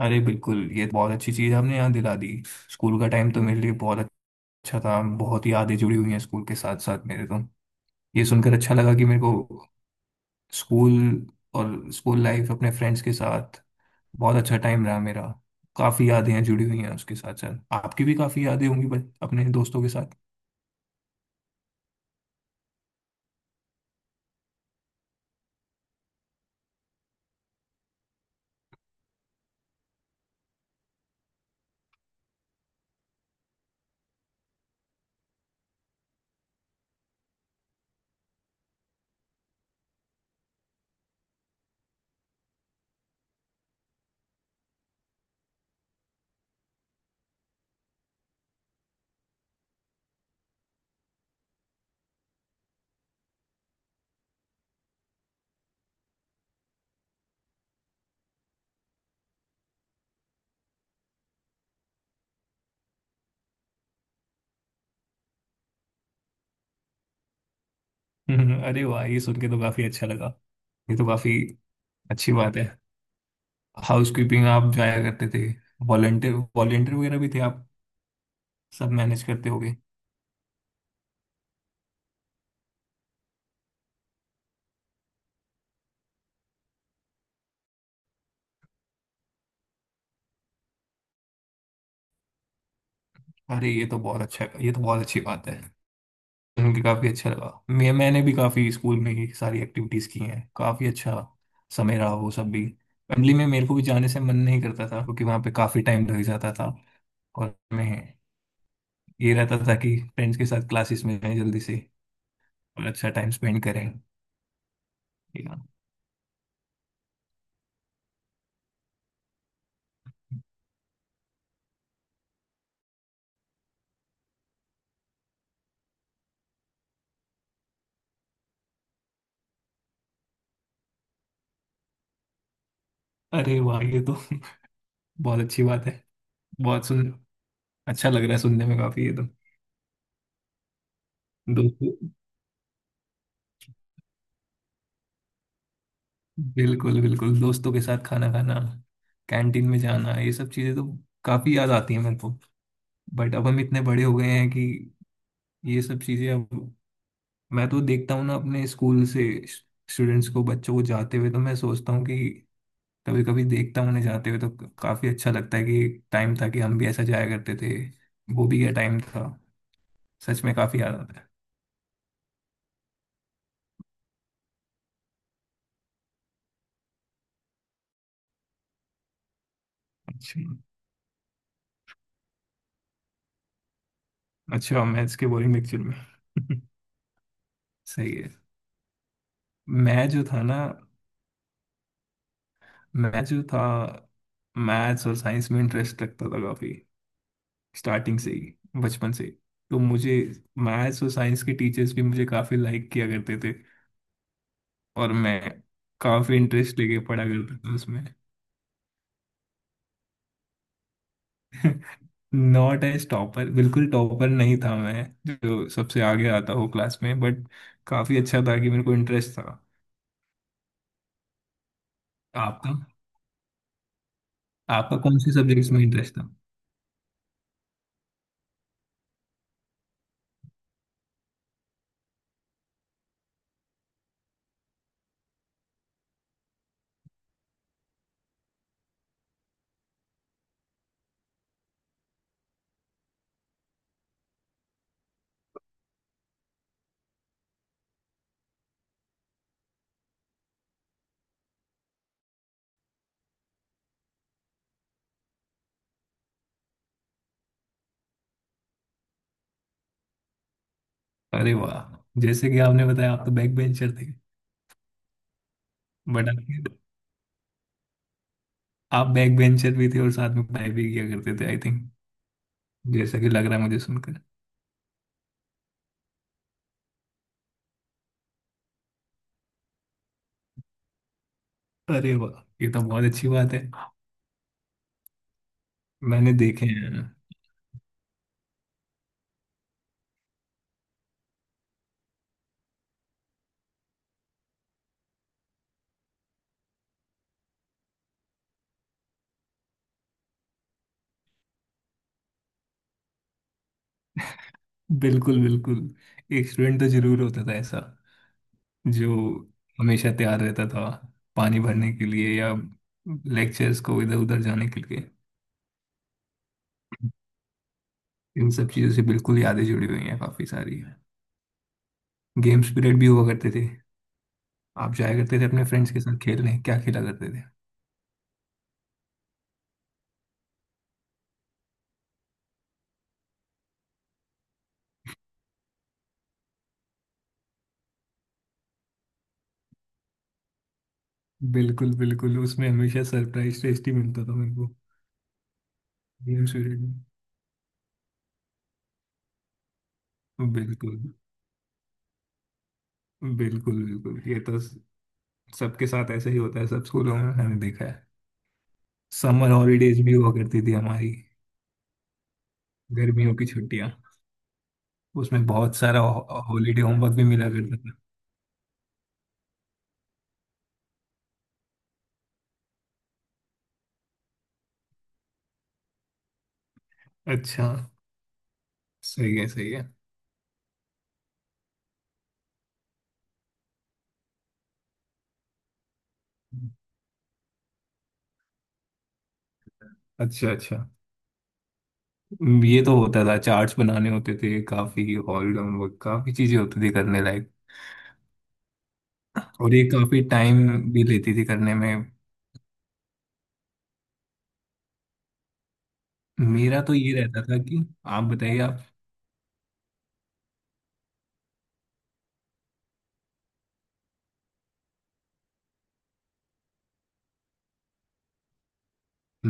अरे बिल्कुल, ये तो बहुत अच्छी चीज़ आपने याद दिला दी। स्कूल का टाइम तो मेरे लिए बहुत अच्छा था, बहुत यादें जुड़ी हुई हैं स्कूल के साथ साथ मेरे तो। ये सुनकर अच्छा लगा कि मेरे को स्कूल और स्कूल लाइफ अपने फ्रेंड्स के साथ बहुत अच्छा टाइम रहा मेरा। काफ़ी यादें हैं, जुड़ी हुई हैं उसके साथ साथ। आपकी भी काफ़ी यादें होंगी अपने दोस्तों के साथ। अरे वाह, ये सुन के तो काफ़ी अच्छा लगा। ये तो काफ़ी अच्छी बात है। हाउस कीपिंग आप जाया करते थे? वॉलंटियर वॉलंटियर वगैरह भी थे आप? सब मैनेज करते होगे। अरे ये तो बहुत अच्छा, ये तो बहुत अच्छी बात है। सुन के काफी अच्छा लगा। मैंने भी काफी स्कूल में ही सारी एक्टिविटीज की हैं। काफी अच्छा समय रहा वो सब भी। फैमिली में मेरे को भी जाने से मन नहीं करता था, क्योंकि वहाँ पे काफी टाइम लग जाता था। और मैं, ये रहता था कि फ्रेंड्स के साथ क्लासेस में जाएं जल्दी से और अच्छा टाइम स्पेंड करें। या अरे वाह, ये तो बहुत अच्छी बात है। बहुत सुन, अच्छा लग रहा है सुनने में काफी ये तो। दोस्त, बिल्कुल बिल्कुल, दोस्तों के साथ खाना खाना, कैंटीन में जाना, ये सब चीज़ें तो काफ़ी याद आती हैं मेरे को। बट अब हम इतने बड़े हो गए हैं कि ये सब चीज़ें अब। मैं तो देखता हूँ ना अपने स्कूल से स्टूडेंट्स को, बच्चों को जाते हुए, तो मैं सोचता हूँ कि कभी कभी देखता हूँ उन्हें जाते हुए तो काफ़ी अच्छा लगता है कि टाइम था कि हम भी ऐसा जाया करते थे। वो भी क्या टाइम था, सच में काफ़ी याद आता है। अच्छा, अच्छा, मैथ्स के बोरिंग लेक्चर में। सही है। मैं जो था ना मैं जो था मैथ्स और साइंस में इंटरेस्ट रखता था काफी, स्टार्टिंग से ही, बचपन से ही। तो मुझे मैथ्स और साइंस के टीचर्स भी मुझे काफी लाइक किया करते थे, और मैं काफी इंटरेस्ट लेके पढ़ा करता था उसमें। नॉट एज टॉपर, बिल्कुल टॉपर नहीं था मैं जो सबसे आगे आता हो क्लास में, बट काफी अच्छा था कि मेरे को इंटरेस्ट था। आपका आपका कौन से सब्जेक्ट्स में इंटरेस्ट था? अरे वाह, जैसे कि आपने बताया आप तो बैक बेंचर थे, बट आपके, आप बैक बेंचर भी थे और साथ में पढ़ाई भी किया करते थे आई थिंक, जैसा कि लग रहा है मुझे सुनकर। अरे वाह, ये तो बहुत अच्छी बात है। मैंने देखे हैं। बिल्कुल बिल्कुल, एक स्टूडेंट तो जरूर होता था ऐसा जो हमेशा तैयार रहता था पानी भरने के लिए या लेक्चर्स को इधर उधर जाने के लिए। इन सब चीज़ों से बिल्कुल यादें जुड़ी हुई हैं काफ़ी सारी। गेम्स पीरियड भी हुआ करते थे। आप जाया करते थे अपने फ्रेंड्स के साथ खेलने? क्या खेला करते थे? बिल्कुल बिल्कुल, उसमें हमेशा सरप्राइज टेस्ट ही मिलता था मेरे को। भीम सूरन। बिल्कुल, बिल्कुल बिल्कुल, ये तो सबके साथ ऐसे ही होता है, सब स्कूलों में मैंने देखा है। समर हॉलीडेज भी हुआ करती थी हमारी, गर्मियों की छुट्टियां। उसमें बहुत सारा हॉलीडे होमवर्क भी मिला करता था। अच्छा, सही है, सही है। अच्छा अच्छा, ये तो होता था, चार्ट्स बनाने होते थे, काफी ऑल होमवर्क, काफी चीजें होती थी करने लायक, और ये काफी टाइम भी लेती थी करने में। मेरा तो ये रहता था कि आप बताइए आप।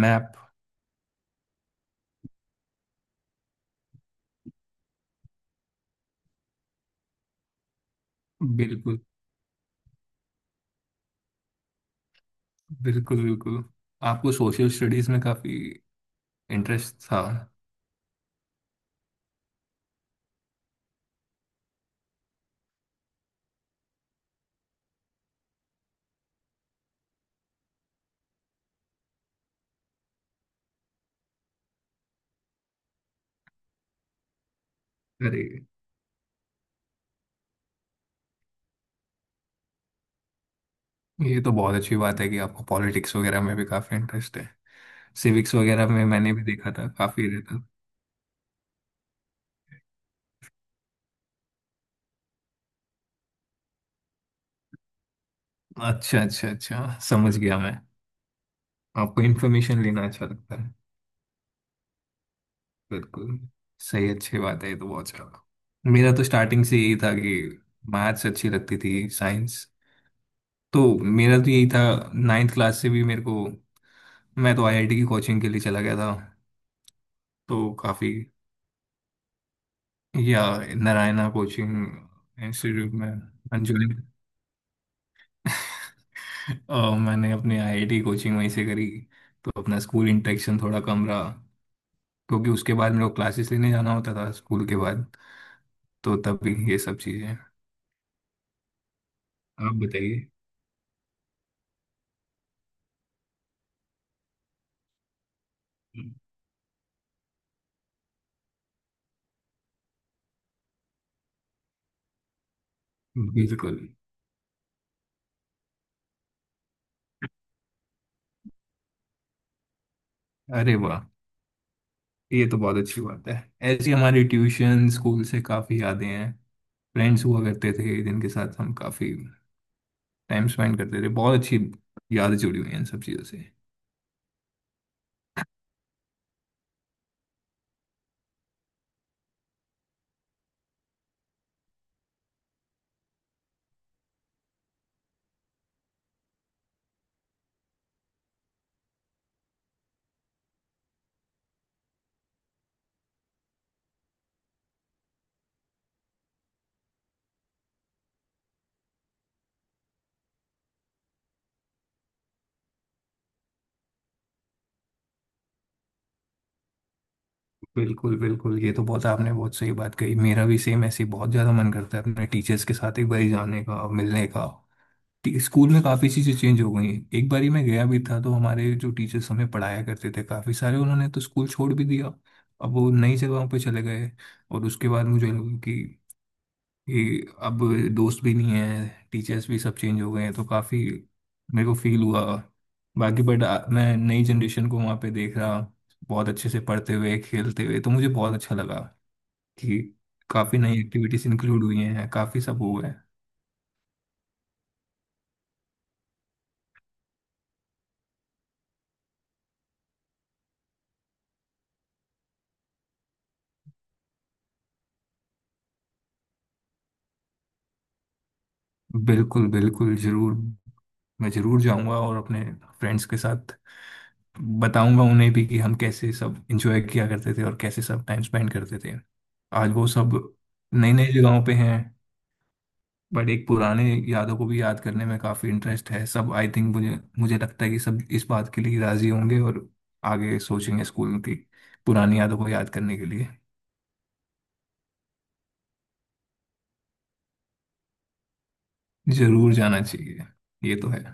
मैप? बिल्कुल बिल्कुल बिल्कुल। आपको सोशल स्टडीज में काफी इंटरेस्ट था? अरे, ये तो बहुत अच्छी बात है कि आपको पॉलिटिक्स वगैरह में भी काफी इंटरेस्ट है। सिविक्स वगैरह में मैंने भी देखा था काफी रहता। अच्छा अच्छा, अच्छा समझ गया मैं। आपको इन्फॉर्मेशन लेना अच्छा लगता है। बिल्कुल, सही, अच्छी बात है ये तो, बहुत अच्छा। मेरा तो स्टार्टिंग से यही था कि मैथ्स अच्छी लगती थी, साइंस, तो मेरा तो यही था। नाइन्थ क्लास से भी मेरे को, मैं तो आईआईटी की कोचिंग के लिए चला गया था, तो काफी। या नारायणा कोचिंग इंस्टीट्यूट में ज्वाइन। और मैंने अपनी आईआईटी कोचिंग वहीं से करी, तो अपना स्कूल इंटरेक्शन थोड़ा कम रहा, क्योंकि उसके बाद मेरे को क्लासेस लेने जाना होता था स्कूल के बाद। तो तभी ये सब चीज़ें। आप बताइए। बिल्कुल, अरे वाह, ये तो बहुत अच्छी बात है। ऐसी हमारी ट्यूशन स्कूल से काफ़ी यादें हैं। फ्रेंड्स हुआ करते थे जिनके साथ हम काफ़ी टाइम स्पेंड करते थे। बहुत अच्छी यादें जुड़ी हुई हैं इन सब चीज़ों से। बिल्कुल बिल्कुल, ये तो बहुत, आपने बहुत सही बात कही। मेरा भी सेम ऐसे ही बहुत ज़्यादा मन करता है अपने टीचर्स के साथ एक बार जाने का, मिलने का। स्कूल में काफ़ी चीज़ें चेंज हो गई हैं। एक बारी मैं गया भी था तो हमारे जो टीचर्स हमें पढ़ाया करते थे काफ़ी सारे उन्होंने तो स्कूल छोड़ भी दिया, अब वो नई जगहों पे चले गए। और उसके बाद मुझे लगा कि अब दोस्त भी नहीं है, टीचर्स भी सब चेंज हो गए हैं, तो काफ़ी मेरे को फील हुआ। बाकी बट मैं नई जनरेशन को वहाँ पे देख रहा बहुत अच्छे से पढ़ते हुए, खेलते हुए, तो मुझे बहुत अच्छा लगा कि काफ़ी नई एक्टिविटीज इंक्लूड हुई हैं, काफ़ी सब हुआ है। बिल्कुल बिल्कुल, ज़रूर। मैं ज़रूर जाऊँगा और अपने फ्रेंड्स के साथ बताऊंगा उन्हें भी कि हम कैसे सब इंजॉय किया करते थे और कैसे सब टाइम स्पेंड करते थे। आज वो सब नई नई जगहों पे हैं, बट एक पुराने यादों को भी याद करने में काफी इंटरेस्ट है सब आई थिंक, मुझे मुझे लगता है कि सब इस बात के लिए राजी होंगे और आगे सोचेंगे स्कूल की पुरानी यादों को याद करने के लिए। जरूर जाना चाहिए, ये तो है।